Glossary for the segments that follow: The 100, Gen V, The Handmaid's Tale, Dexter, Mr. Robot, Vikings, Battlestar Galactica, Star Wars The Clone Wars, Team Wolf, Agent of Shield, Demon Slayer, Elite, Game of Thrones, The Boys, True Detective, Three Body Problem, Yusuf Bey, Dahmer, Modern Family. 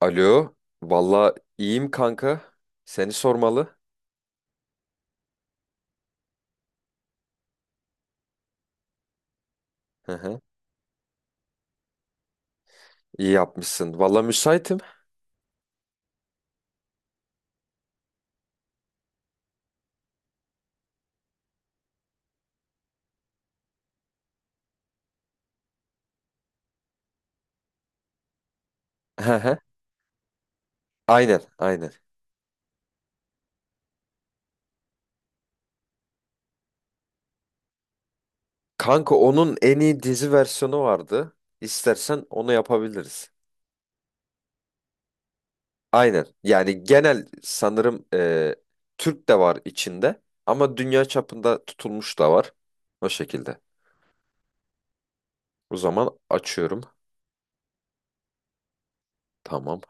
Alo, valla iyiyim kanka. Seni sormalı. Hı hı. İyi yapmışsın. Valla müsaitim. Hı hı. Aynen, aynen. Kanka onun en iyi dizi versiyonu vardı. İstersen onu yapabiliriz. Aynen. Yani genel sanırım Türk de var içinde ama dünya çapında tutulmuş da var. O şekilde. O zaman açıyorum. Tamam.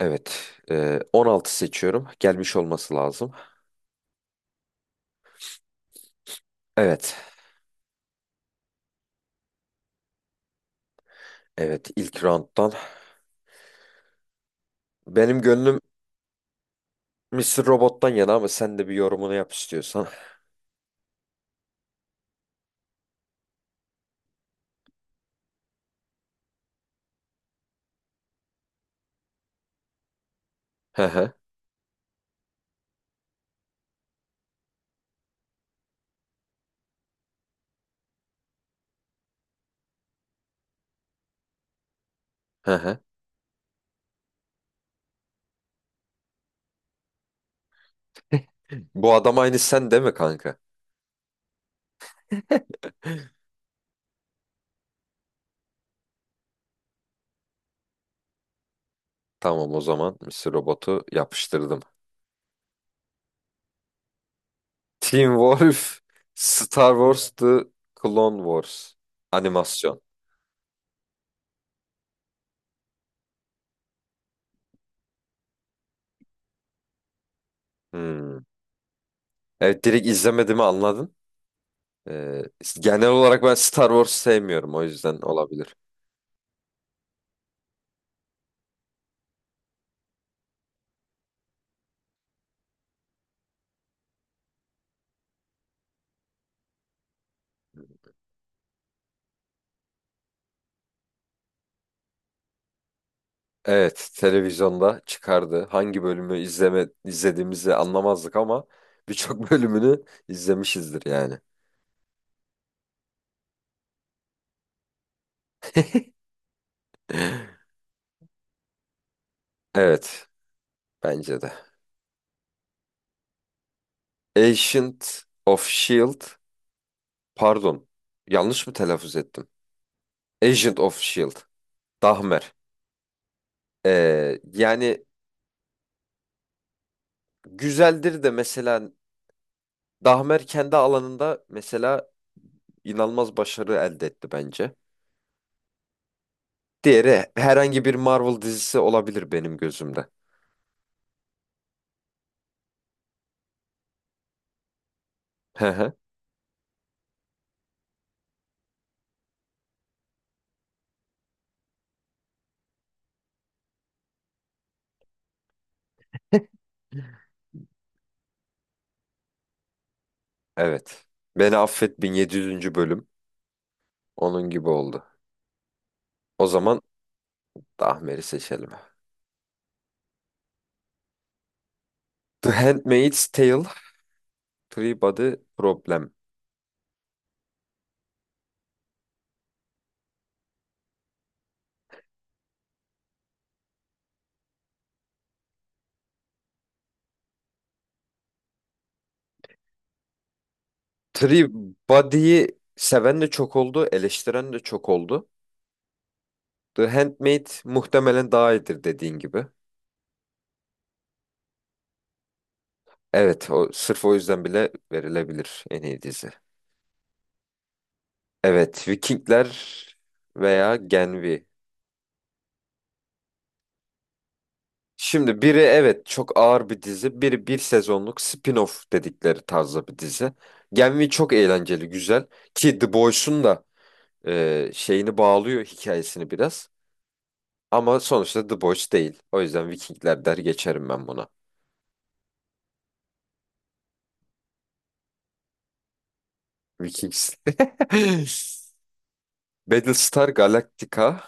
Evet. 16 seçiyorum. Gelmiş olması lazım. Evet. Evet. ilk round'dan. Benim gönlüm Mr. Robot'tan yana ama sen de bir yorumunu yap istiyorsan. Hı hı, hı hı. Bu adam aynı sen değil mi kanka? Tamam o zaman Mr. Robot'u yapıştırdım. Team Wolf, Star Wars The Clone Wars animasyon. Hmm. Evet, direkt izlemediğimi anladın. Ee, Genel olarak ben Star Wars sevmiyorum, o yüzden olabilir. Evet, televizyonda çıkardı. Hangi bölümü izlediğimizi anlamazdık ama birçok bölümünü izlemişizdir yani. Evet, bence de. Agent of Shield, pardon, yanlış mı telaffuz ettim? Agent of Shield, Dahmer. Yani güzeldir de mesela Dahmer kendi alanında mesela inanılmaz başarı elde etti bence. Diğeri herhangi bir Marvel dizisi olabilir benim gözümde. Hı hı, evet. Beni affet, 1700. bölüm onun gibi oldu. O zaman Dahmer'i seçelim. The Handmaid's Tale, Three Body Problem. Body'yi seven de çok oldu, eleştiren de çok oldu. The Handmaid muhtemelen daha iyidir dediğin gibi. Evet, o, sırf o yüzden bile verilebilir en iyi dizi. Evet, Vikingler veya Gen V. Şimdi biri evet çok ağır bir dizi, biri bir sezonluk spin-off dedikleri tarzda bir dizi. Gen V çok eğlenceli, güzel. Ki The Boys'un da şeyini bağlıyor, hikayesini biraz. Ama sonuçta The Boys değil. O yüzden Vikingler der geçerim ben buna. Vikings. Battlestar Galactica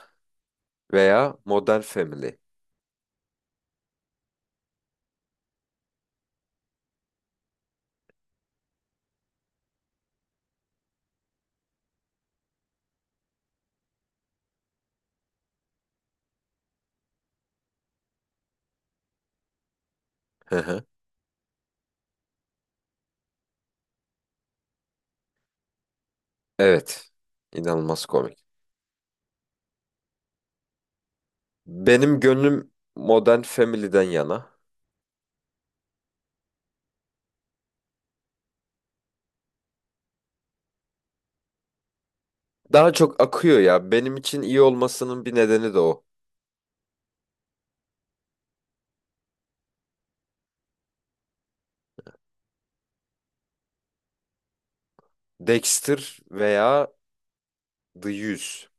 veya Modern Family. Hı hı. Evet. İnanılmaz komik. Benim gönlüm Modern Family'den yana. Daha çok akıyor ya. Benim için iyi olmasının bir nedeni de o. Dexter veya The 100.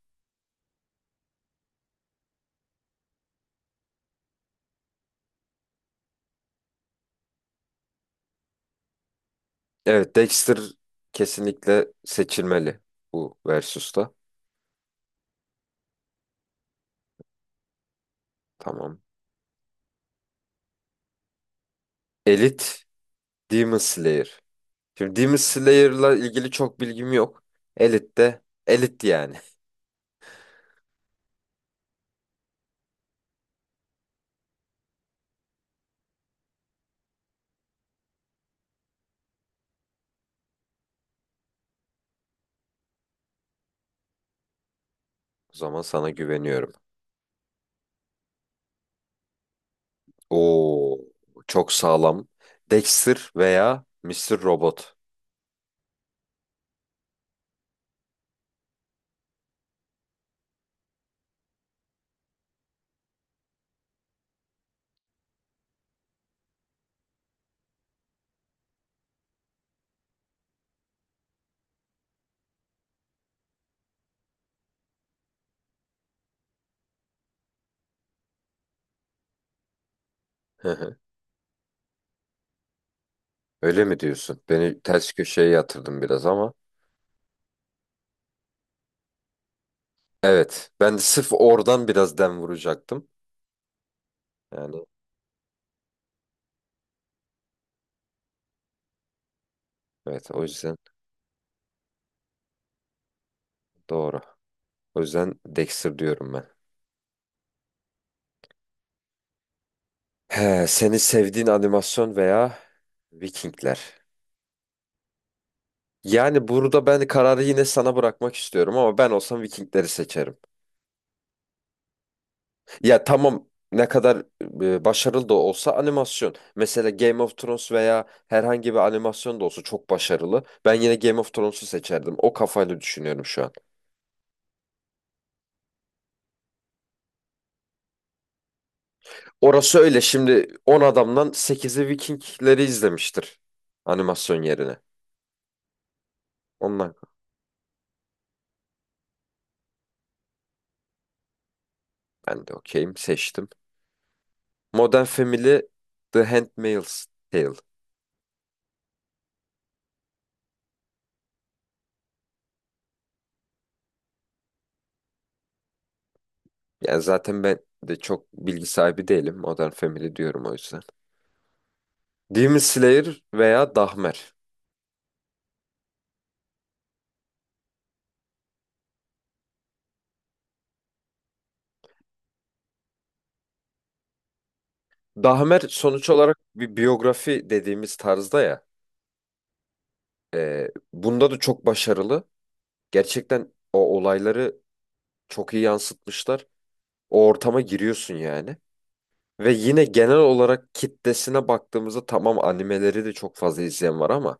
Evet, Dexter kesinlikle seçilmeli bu versus'ta. Tamam. Elite, Demon Slayer. Şimdi Demon Slayer'la ilgili çok bilgim yok. Elite de Elite yani. O zaman sana güveniyorum. Oo, çok sağlam. Dexter veya Mister Robot. Hı hı. Öyle mi diyorsun? Beni ters köşeye yatırdın biraz ama. Evet, ben de sırf oradan biraz dem vuracaktım. Yani evet, o yüzden doğru. O yüzden Dexter diyorum ben. He, seni sevdiğin animasyon veya Vikingler. Yani burada ben kararı yine sana bırakmak istiyorum ama ben olsam Vikingleri seçerim. Ya tamam, ne kadar başarılı da olsa animasyon. Mesela Game of Thrones veya herhangi bir animasyon da olsa çok başarılı, ben yine Game of Thrones'u seçerdim. O kafayla düşünüyorum şu an. Orası öyle, şimdi 10 adamdan sekizi Vikingleri izlemiştir animasyon yerine. Ondan ben de okeyim, seçtim. Modern Family, The Handmaid's Tale. Yani zaten ben de çok bilgi sahibi değilim. Modern Family diyorum o yüzden. Demon Slayer veya Dahmer. Dahmer sonuç olarak bir biyografi dediğimiz tarzda ya. Bunda da çok başarılı. Gerçekten o olayları çok iyi yansıtmışlar. O ortama giriyorsun yani. Ve yine genel olarak kitlesine baktığımızda tamam animeleri de çok fazla izleyen var ama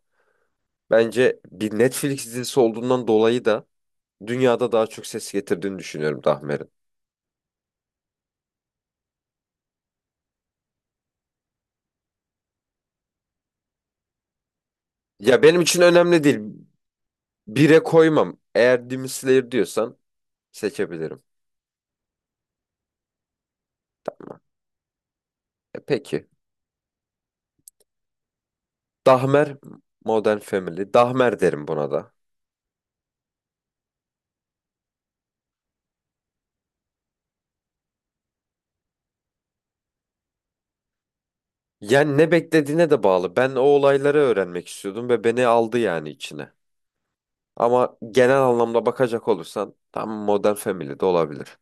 bence bir Netflix dizisi olduğundan dolayı da dünyada daha çok ses getirdiğini düşünüyorum Dahmer'in. Ya benim için önemli değil. Bire koymam. Eğer Demon Slayer diyorsan seçebilirim. E, peki. Dahmer, Modern Family. Dahmer derim buna da. Yani ne beklediğine de bağlı. Ben o olayları öğrenmek istiyordum ve beni aldı yani içine. Ama genel anlamda bakacak olursan tam Modern Family de olabilir.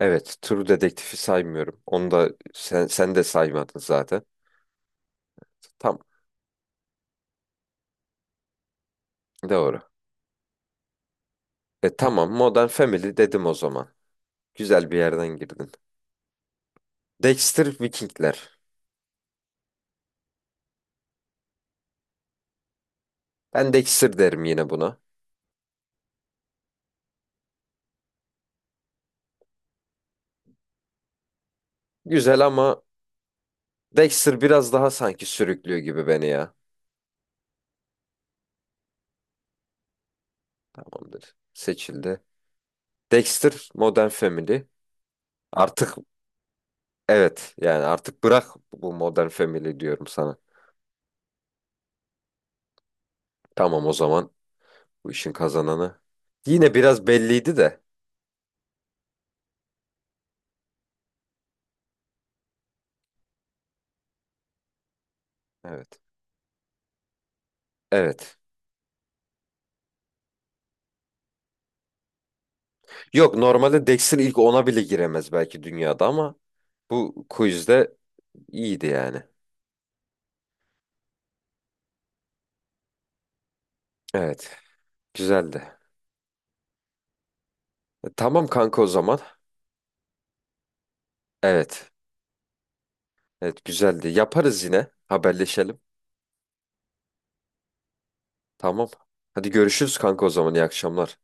Evet, True Detective'i saymıyorum. Onu da sen de saymadın zaten. Tam doğru. E tamam, Modern Family dedim o zaman. Güzel bir yerden girdin. Dexter, Vikingler. Ben Dexter derim yine buna. Güzel ama Dexter biraz daha sanki sürüklüyor gibi beni ya. Tamamdır. Seçildi. Dexter, Modern Family. Artık evet, yani artık bırak, bu Modern Family diyorum sana. Tamam o zaman, bu işin kazananı. Yine biraz belliydi de. Evet. Evet. Yok, normalde Dexter ilk ona bile giremez belki dünyada ama bu quizde iyiydi yani. Evet. Güzeldi. E, tamam kanka o zaman. Evet. Evet, güzeldi. Yaparız yine. Haberleşelim. Tamam. Hadi görüşürüz kanka o zaman. İyi akşamlar.